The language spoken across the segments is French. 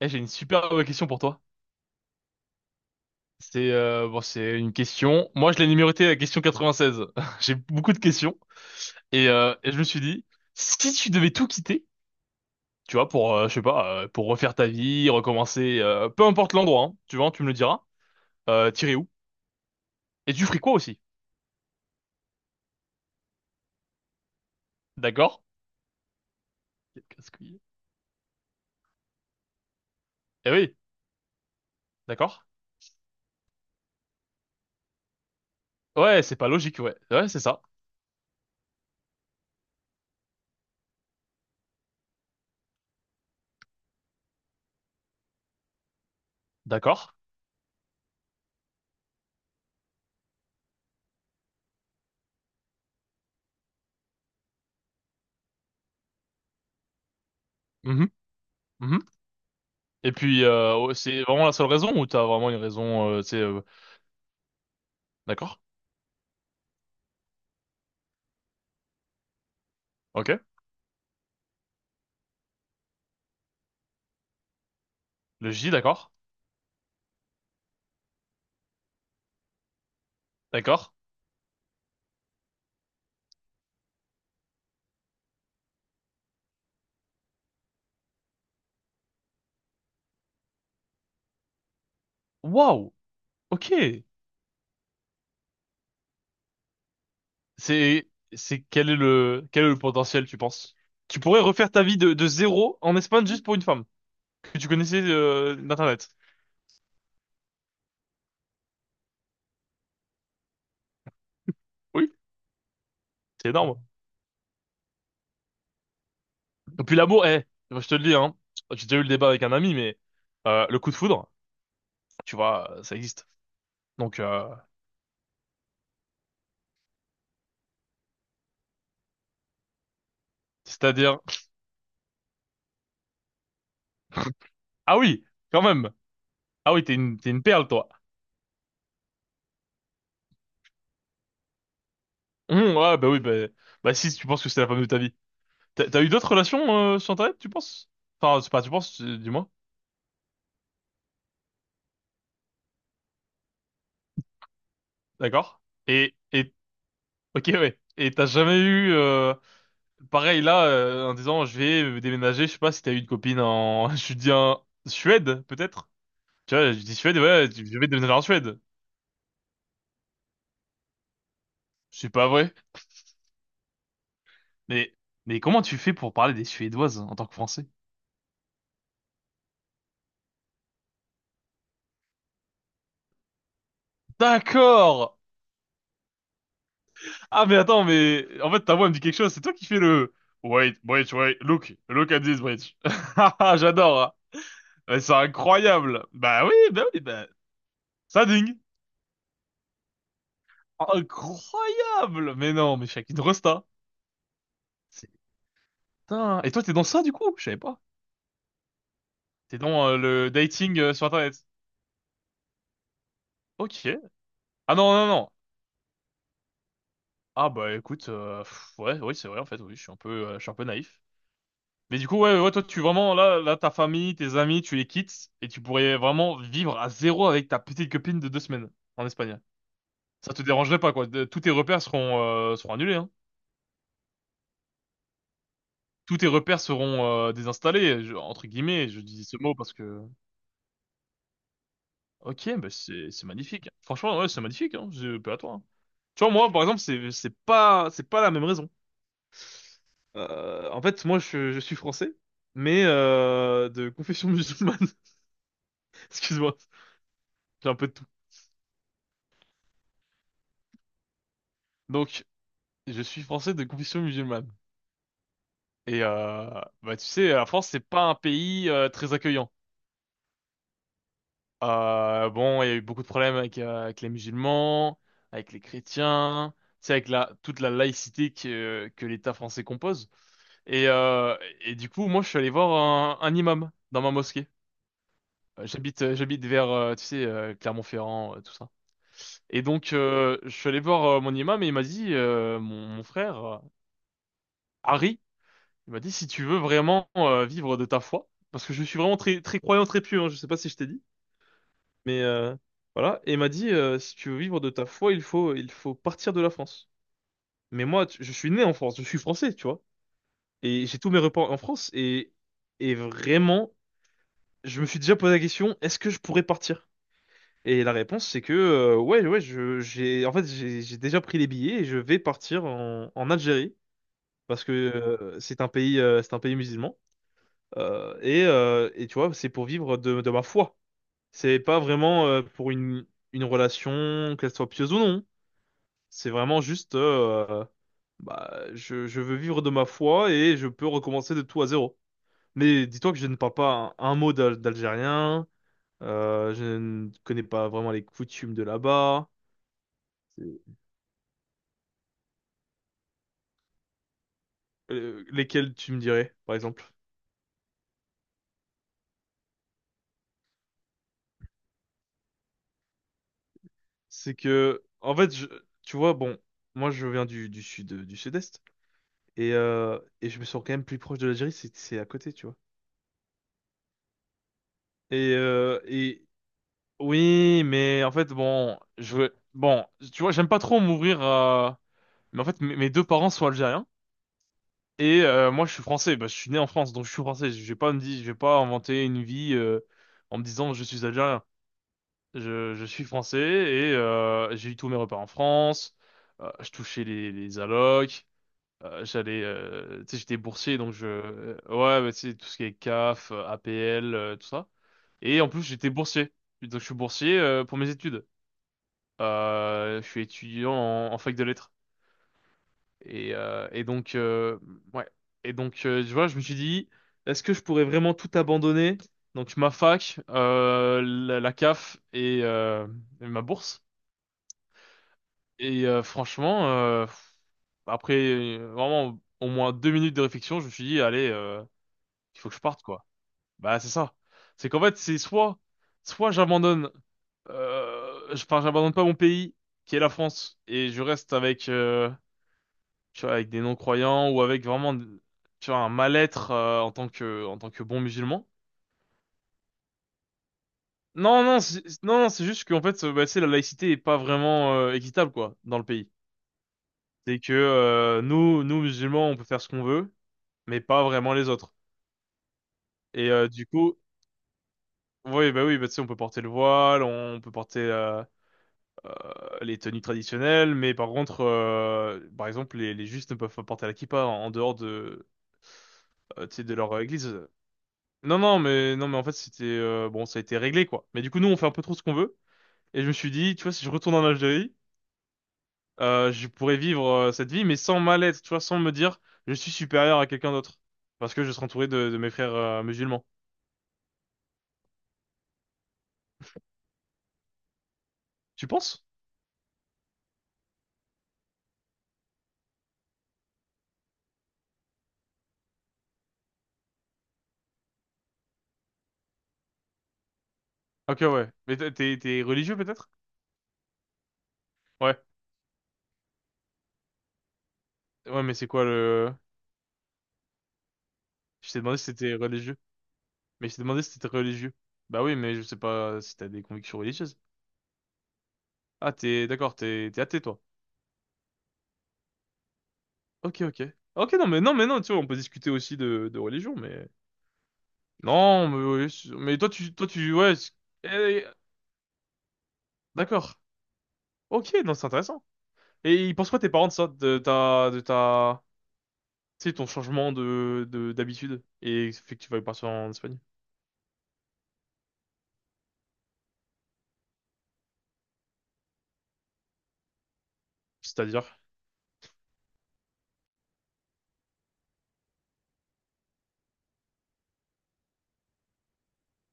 Eh, j'ai une super bonne question pour toi. C'est bon, c'est une question. Moi, je l'ai numérotée la question 96. J'ai beaucoup de questions et je me suis dit, si tu devais tout quitter, tu vois, pour je sais pas, pour refaire ta vie, recommencer, peu importe l'endroit, hein, tu vois, tu me le diras. T'irais où? Et tu ferais quoi aussi? D'accord? Quel casse-couille. Eh oui, d'accord. Ouais, c'est pas logique, ouais. Ouais, c'est ça. D'accord. Mhm, mhm. Et puis, oh, c'est vraiment la seule raison ou t'as vraiment une raison, tu sais, d'accord? Ok. Le J, d'accord? D'accord. Waouh. Ok. C'est quel est le potentiel, tu penses? Tu pourrais refaire ta vie de zéro en Espagne juste pour une femme que tu connaissais d'Internet. Oui, c'est énorme. Et puis l'amour, eh, moi, je te le dis, hein, j'ai déjà eu le débat avec un ami, mais le coup de foudre, tu vois, ça existe. Donc, c'est-à-dire, ah oui, quand même. Ah oui, t'es une perle, toi. Ouais, bah oui, bah si, tu penses que c'est la femme de ta vie. T'as eu d'autres relations sur Internet, tu penses? Enfin, c'est pas, tu penses, dis-moi. D'accord? Et, et, ok, ouais. Et t'as jamais eu, pareil là, en disant je vais déménager, je sais pas si t'as eu une copine en, je dis en Suède, peut-être? Tu vois, je dis Suède, ouais, je vais déménager en Suède. C'est pas vrai. Mais, mais comment tu fais pour parler des Suédoises en tant que Français? D'accord! Ah, mais attends, mais, en fait, ta voix me dit quelque chose, c'est toi qui fais le, wait, wait, wait, look, look at this bridge. J'adore, hein. Mais c'est incroyable. Bah oui, ça dingue. Incroyable! Mais non, mais Shakin Rosta. C'est putain. Et toi, t'es dans ça du coup? Je savais pas. T'es dans le dating sur Internet. Ok. Ah non, non, non. Ah bah écoute, pff, ouais, oui, c'est vrai en fait, oui, je suis un peu naïf. Mais du coup, ouais, ouais, toi, tu vraiment, là, ta famille, tes amis, tu les quittes et tu pourrais vraiment vivre à zéro avec ta petite copine de 2 semaines en Espagne. Ça te dérangerait pas, quoi. Tous tes repères seront annulés, hein. Tous tes repères seront désinstallés, entre guillemets. Je dis ce mot parce que... Ok, bah c'est magnifique. Franchement, ouais, c'est magnifique, hein. Je pas à toi, hein. Tu vois, moi, par exemple, c'est c'est pas la même raison. En fait, moi, je suis français, mais de confession musulmane. Excuse-moi, j'ai un peu de tout. Donc, je suis français de confession musulmane. Et bah, tu sais, la France, c'est pas un pays très accueillant. Bon, il y a eu beaucoup de problèmes avec les musulmans, avec les chrétiens, tu sais, avec la toute la laïcité que l'État français compose. Et, euh, et du coup, moi, je suis allé voir un imam dans ma mosquée. J'habite, vers, tu sais, Clermont-Ferrand, tout ça. Et donc, je suis allé voir mon imam et il m'a dit, mon frère, Harry, il m'a dit, si tu veux vraiment vivre de ta foi, parce que je suis vraiment très, très croyant, très pieux, hein, je sais pas si je t'ai dit, mais voilà. Et il m'a dit, si tu veux vivre de ta foi, il faut, partir de la France. Mais moi, je suis né en France, je suis français, tu vois. Et j'ai tous mes repas en France et vraiment, je me suis déjà posé la question, est-ce que je pourrais partir? Et la réponse, c'est que ouais, ouais, j'ai, en fait, j'ai déjà pris les billets et je vais partir en, Algérie parce que c'est un pays, musulman. Et tu vois, c'est pour vivre de, ma foi. C'est pas vraiment pour une relation, qu'elle soit pieuse ou non. C'est vraiment juste, bah, je veux vivre de ma foi et je peux recommencer de tout à zéro. Mais dis-toi que je ne parle pas un mot d'algérien. Je ne connais pas vraiment les coutumes de là-bas. C'est- Lesquelles tu me dirais, par exemple? C'est que, en fait, tu vois, bon, moi je viens du, sud, du sud-est, et je me sens quand même plus proche de l'Algérie, c'est à côté, tu vois. Et oui, mais en fait, bon, je veux, bon, tu vois, j'aime pas trop m'ouvrir à... Mais en fait, mes deux parents sont algériens, et moi je suis français, bah, je suis né en France, donc je suis français, je vais pas me dire, je vais pas inventer une vie en me disant je suis algérien. Je suis français et j'ai eu tous mes repas en France. Je touchais les allocs. J'allais, tu sais, j'étais boursier, donc je, ouais, bah, tu sais, tout ce qui est CAF, APL, tout ça. Et en plus, j'étais boursier. Donc, je suis boursier pour mes études. Je suis étudiant en, fac de lettres. Et donc, ouais. Et donc, tu vois, je me suis dit, est-ce que je pourrais vraiment tout abandonner? Donc, ma fac, la CAF et ma bourse. Et franchement, après vraiment au moins 2 minutes de réflexion, je me suis dit, allez, il faut que je parte, quoi. Bah, c'est ça. C'est qu'en fait, c'est soit j'abandonne, enfin, j'abandonne pas mon pays, qui est la France, et je reste avec, tu vois, avec des non-croyants ou avec vraiment, tu vois, un mal-être en tant que, bon musulman. Non, non, non, non, c'est juste qu'en fait, bah, tu sais, la laïcité est pas vraiment équitable, quoi, dans le pays. C'est que nous, nous musulmans, on peut faire ce qu'on veut, mais pas vraiment les autres. Et du coup, oui, bah tu sais, on peut porter le voile, on peut porter euh, les tenues traditionnelles, mais par contre, par exemple, les justes ne peuvent pas porter la kippa en, dehors de, tu sais, de leur église. Non, non, mais non, mais en fait, c'était bon, ça a été réglé quoi. Mais du coup, nous, on fait un peu trop ce qu'on veut. Et je me suis dit, tu vois, si je retourne en Algérie, je pourrais vivre cette vie, mais sans mal être, tu vois, sans me dire, je suis supérieur à quelqu'un d'autre, parce que je serai entouré de, mes frères musulmans. Tu penses? Ok, ouais. Mais t'es religieux peut-être? Ouais. Ouais, mais c'est quoi le... Je t'ai demandé si t'étais religieux. Mais je t'ai demandé si t'étais religieux. Bah oui, mais je sais pas si t'as des convictions religieuses. Ah, t'es... D'accord, t'es athée, toi. Ok, ok. Ok, non, mais non, mais non, tu vois, on peut discuter aussi de, religion, mais... Non, mais, oui, mais toi, tu... Toi, tu... Ouais, eh, d'accord. Ok, non, c'est intéressant. Et ils pensent quoi tes parents de ça? De ta... Tu sais, ton changement de... d'habitude. Et fait que tu vas partir en Espagne. C'est-à-dire?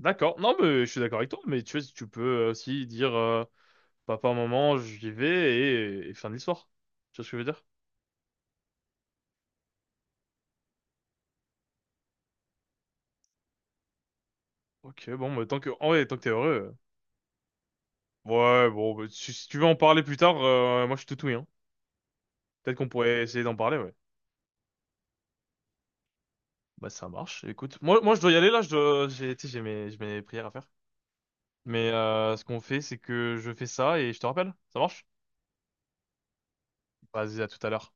D'accord. Non, mais je suis d'accord avec toi, mais tu vois, tu peux aussi dire papa, maman, j'y vais et fin de l'histoire. Tu vois ce que je veux dire? Ok, bon, mais tant que, en vrai, tant que t'es heureux, ouais, bon, bah, si tu veux en parler plus tard, moi je suis tout oui, hein. Peut-être qu'on pourrait essayer d'en parler, ouais. Bah ça marche. Écoute, moi je dois y aller là, j'ai, tu sais, j'ai mes prières à faire. Mais ce qu'on fait, c'est que je fais ça et je te rappelle. Ça marche? Vas-y, à tout à l'heure.